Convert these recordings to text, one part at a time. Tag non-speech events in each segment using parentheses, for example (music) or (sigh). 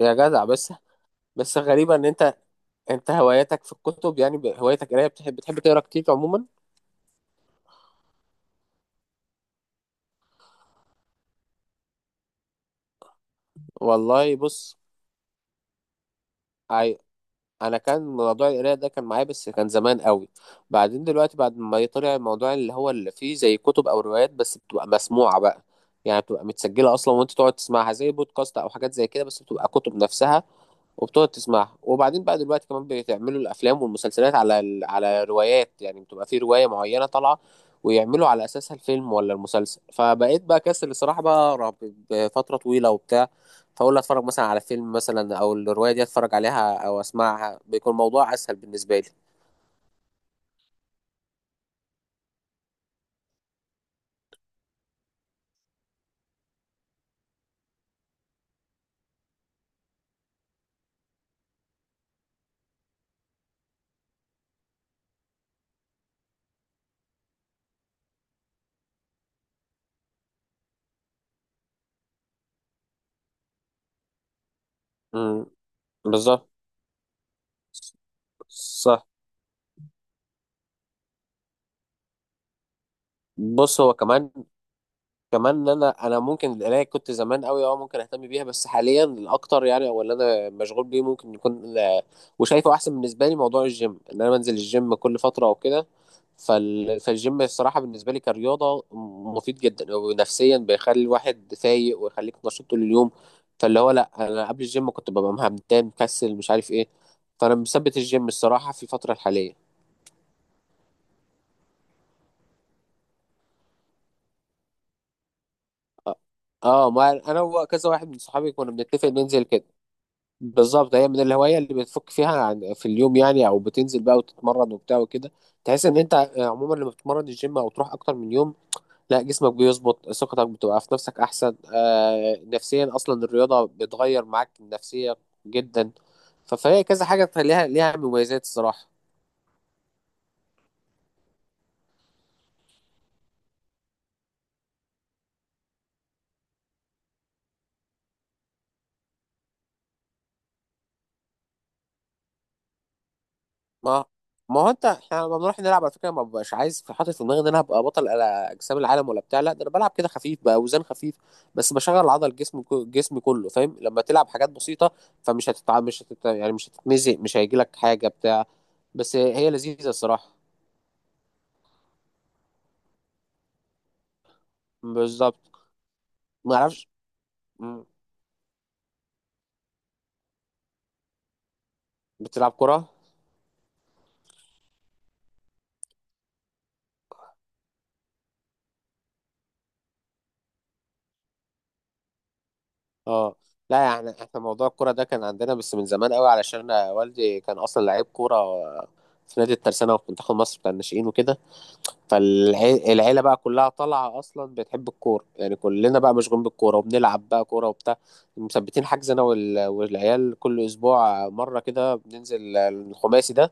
يا جدع بس. غريبة ان انت هواياتك في الكتب، يعني هوايتك قرايه، بتحب تقرا كتير عموما؟ والله بص، عي... انا كان موضوع القرايه ده كان معايا بس كان زمان قوي. بعدين دلوقتي بعد ما طلع الموضوع اللي هو اللي فيه زي كتب او روايات بس بتبقى مسموعه بقى، يعني بتبقى متسجله اصلا وانت تقعد تسمعها زي بودكاست او حاجات زي كده بس بتبقى كتب نفسها، وبتقعد تسمعها. وبعدين بقى دلوقتي كمان بتعملوا الافلام والمسلسلات على على روايات، يعني بتبقى في روايه معينه طالعه ويعملوا على اساسها الفيلم ولا المسلسل، فبقيت بقى كسل الصراحه بقى أقرأ بفتره طويله وبتاع. فاقول اتفرج مثلا على فيلم مثلا او الروايه دي اتفرج عليها او اسمعها، بيكون الموضوع اسهل بالنسبه لي. امم، بالظبط، صح. بص، هو كمان كمان ان انا ممكن القرايه كنت زمان قوي، اه ممكن اهتم بيها، بس حاليا الاكتر يعني او اللي انا مشغول بيه ممكن يكون وشايفه احسن بالنسبه لي موضوع الجيم، ان انا بنزل الجيم كل فتره او كده. فالجيم الصراحه بالنسبه لي كرياضه مفيد جدا، ونفسيا بيخلي الواحد فايق ويخليك نشيط طول اليوم. فاللي هو لا، انا قبل الجيم كنت ببقى مهمتان مكسل مش عارف ايه، فانا مثبت الجيم الصراحه في الفتره الحاليه. اه ما انا وكذا واحد من صحابي كنا بنتفق ننزل كده. بالظبط، هي من الهواية اللي بتفك فيها عن في اليوم، يعني او بتنزل بقى وتتمرن وبتاع وكده. تحس ان انت آه، عموما لما بتتمرن الجيم او تروح اكتر من يوم لا، جسمك بيظبط، ثقتك بتبقى في نفسك احسن، آه نفسيا اصلا الرياضة بتغير معاك النفسية جدا. فهي كذا حاجة ليها مميزات الصراحة. ما ما هو انت احنا لما بنروح نلعب على فكره ما ببقاش عايز في حاطط في دماغي ان انا هبقى بطل على اجسام العالم ولا بتاع، لا ده انا بلعب كده خفيف باوزان خفيف بس بشغل عضل جسمي كله، فاهم؟ لما تلعب حاجات بسيطه فمش هتتع مش هتت... يعني مش هتتمزق، مش هيجي لك حاجه بتاع، بس هي لذيذه الصراحه. بالظبط، ما اعرفش. مم. بتلعب كره؟ اه لا، يعني احنا موضوع الكره ده كان عندنا بس من زمان قوي، علشان والدي كان اصلا لعيب كوره في نادي الترسانه وفي منتخب مصر بتاع الناشئين وكده. فالعيلة بقى كلها طالعة أصلا بتحب الكورة، يعني كلنا بقى مشغولين بالكورة وبنلعب بقى كورة وبتاع. مثبتين حجز أنا والعيال كل أسبوع مرة كده بننزل الخماسي ده،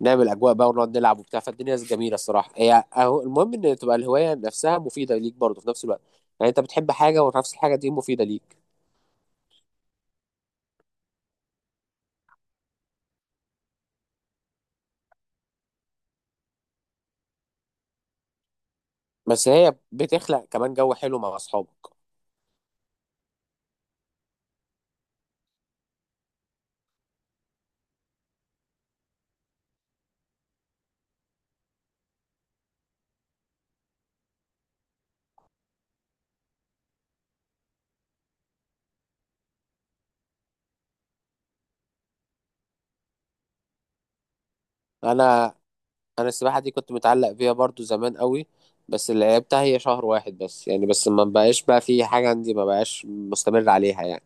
نعمل أجواء بقى ونقعد نلعب وبتاع. فالدنيا جميلة الصراحة، هي أهو المهم إن تبقى الهواية نفسها مفيدة ليك برضه في نفس الوقت، يعني أنت بتحب حاجة ونفس الحاجة دي مفيدة ليك. بس هي بتخلق كمان جو حلو مع أصحابك. أنا السباحه دي كنت متعلق بيها برضو زمان قوي، بس اللي لعبتها هي شهر واحد بس يعني، بس ما بقاش بقى في حاجه عندي، ما بقاش مستمر عليها يعني.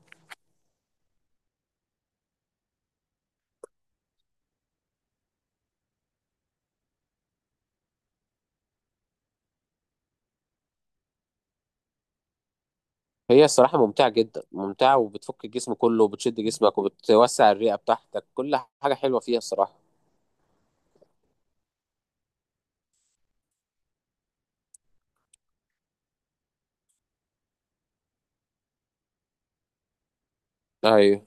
هي الصراحه ممتعه جدا، ممتعه وبتفك الجسم كله وبتشد جسمك وبتوسع الرئه بتاعتك، كل حاجه حلوه فيها الصراحه. ايوه،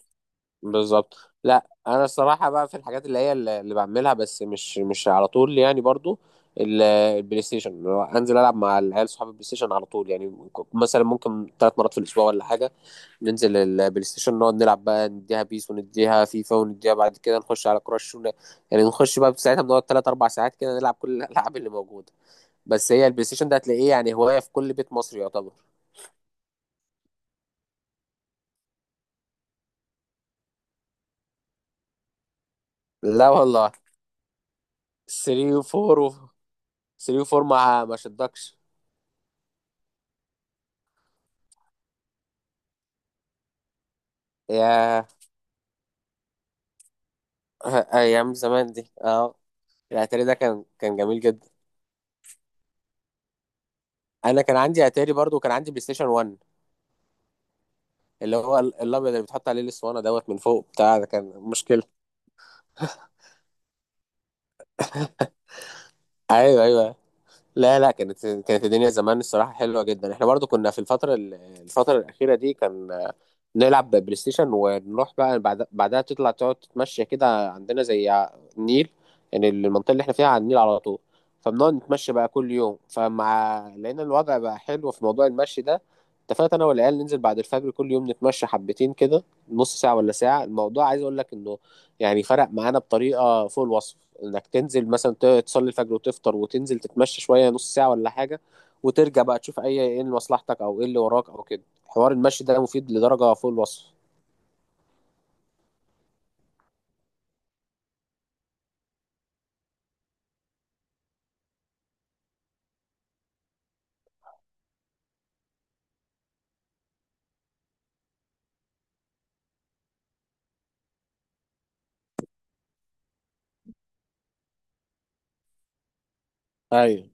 بالظبط. لا انا الصراحه بقى في الحاجات اللي هي اللي بعملها، بس مش على طول يعني برضو البلاي ستيشن، اللي هو انزل العب مع العيال صحابي البلاي ستيشن على طول يعني، مثلا ممكن ثلاث مرات في الاسبوع ولا حاجه. ننزل البلاي ستيشن نقعد نلعب بقى، نديها بيس ونديها فيفا ونديها بعد كده نخش على كراش يعني نخش بقى ساعتها، بنقعد تلات أربع ساعات كده نلعب كل الألعاب اللي موجودة. بس هي البلاي ستيشن ده هتلاقيه يعني هواية في كل بيت مصري يعتبر. لا والله. 3 و4 و 3 و4، ما شدكش يا (laughs) أيام زمان دي، اه. الأتاري ده كان جميل جدا. أنا كان عندي أتاري برضو وكان عندي بلاي ستيشن 1، اللي هو الأبيض اللي بتحط عليه الأسطوانة دوت من فوق بتاع، ده كان مشكلة. أيوه أيوه. لا لا، كانت الدنيا زمان الصراحة حلوة جدا. احنا برضو كنا في الفترة الفترة الأخيرة دي كان نلعب بلاي ستيشن ونروح بقى بعدها تطلع تقعد تتمشى كده عندنا زي النيل، يعني المنطقة اللي احنا فيها على النيل على طول. فبنقعد نتمشى بقى كل يوم، فمع لقينا الوضع بقى حلو في موضوع المشي ده، اتفقت انا والعيال ننزل بعد الفجر كل يوم نتمشى حبتين كده، نص ساعة ولا ساعة. الموضوع عايز اقول لك انه يعني فرق معانا بطريقة فوق الوصف. انك تنزل مثلا تصلي الفجر وتفطر وتنزل تتمشى شوية، نص ساعة ولا حاجة، وترجع بقى تشوف ايه اللي مصلحتك او ايه اللي وراك او كده. حوار المشي ده مفيد لدرجه فوق الوصف. ايوه،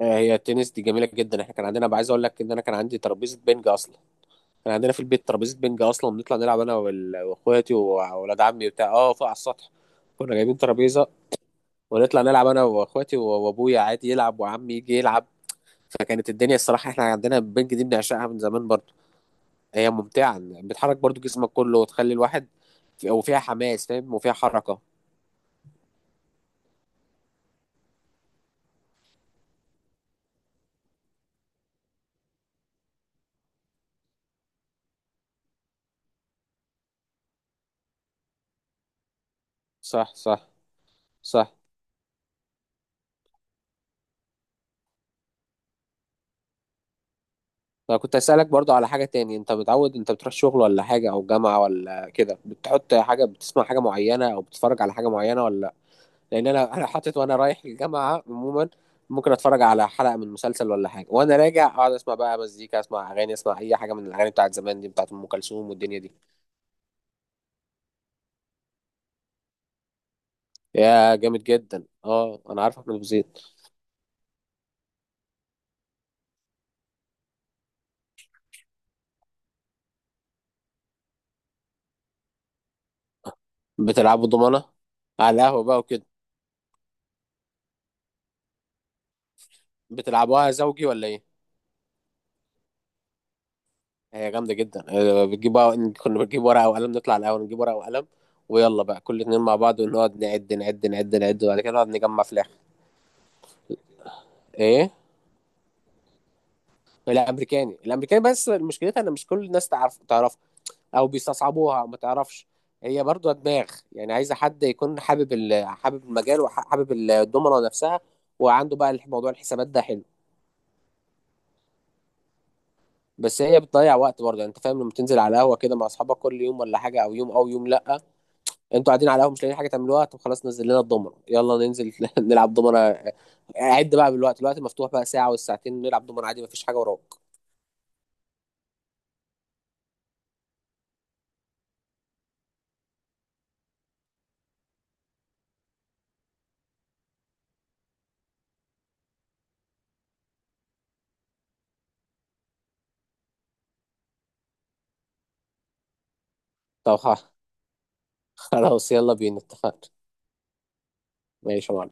آه، هي التنس دي جميله جدا. احنا كان عندنا بقى، عايز اقول لك ان انا كان عندي ترابيزه بنج اصلا، كان عندنا في البيت ترابيزه بنج اصلا، بنطلع نلعب انا واخواتي واولاد عمي بتاع اه، فوق على السطح. كنا جايبين ترابيزه ونطلع نلعب انا واخواتي وابويا عادي يلعب وعمي يجي يلعب. فكانت الدنيا الصراحه احنا عندنا البنج دي بنعشقها من زمان برضو. هي ممتعه، بتحرك برضو جسمك كله وتخلي الواحد، وفيها حماس، فاهم؟ وفيها حركه. صح، صح، صح. انا كنت اسالك برضو على حاجه تاني، انت متعود انت بتروح شغل ولا حاجه او جامعه ولا كده بتحط حاجه بتسمع حاجه معينه او بتتفرج على حاجه معينه ولا لأ؟ لان انا انا حاطط وانا رايح الجامعه عموما ممكن اتفرج على حلقه من مسلسل ولا حاجه، وانا راجع اقعد اسمع بقى مزيكا، اسمع اغاني، اسمع اي حاجه من الاغاني بتاعت زمان دي بتاعت ام كلثوم والدنيا دي. يا جامد جدا، اه انا عارف احمد أبو زيد. بتلعبوا ضمانه على القهوه بقى وكده؟ بتلعبوها زوجي ولا ايه؟ هي جامدة جدا آه، بتجيب كنا بنجيب ورقة وقلم، نطلع الأول نجيب ورقة وقلم ويلا بقى كل اتنين مع بعض ونقعد نعد نعد نعد نعد، وبعد كده نقعد نجمع في الآخر. إيه؟ الأمريكاني. بس مشكلتها إن مش كل الناس تعرف تعرفها، أو بيستصعبوها أو ما تعرفش. هي برضو دماغ، يعني عايزة حد يكون حابب حابب المجال وحابب الدومنة نفسها، وعنده بقى موضوع الحسابات ده حلو. بس هي بتضيع وقت برضه يعني، انت فاهم لما تنزل على القهوة كده مع أصحابك كل يوم ولا حاجة، أو يوم أو يوم لأ، انتوا قاعدين على القهوه مش لاقيين حاجه تعملوها، طب خلاص نزل لنا الضمنه، يلا ننزل (laughs) نلعب ضمنه. عد بقى بالوقت، الوقت مفتوح بقى ساعه والساعتين نلعب ضمنه عادي، مفيش حاجه وراك. طب (laughs) خلاص يلا بينا، اتفقنا. ماشي يا معلم.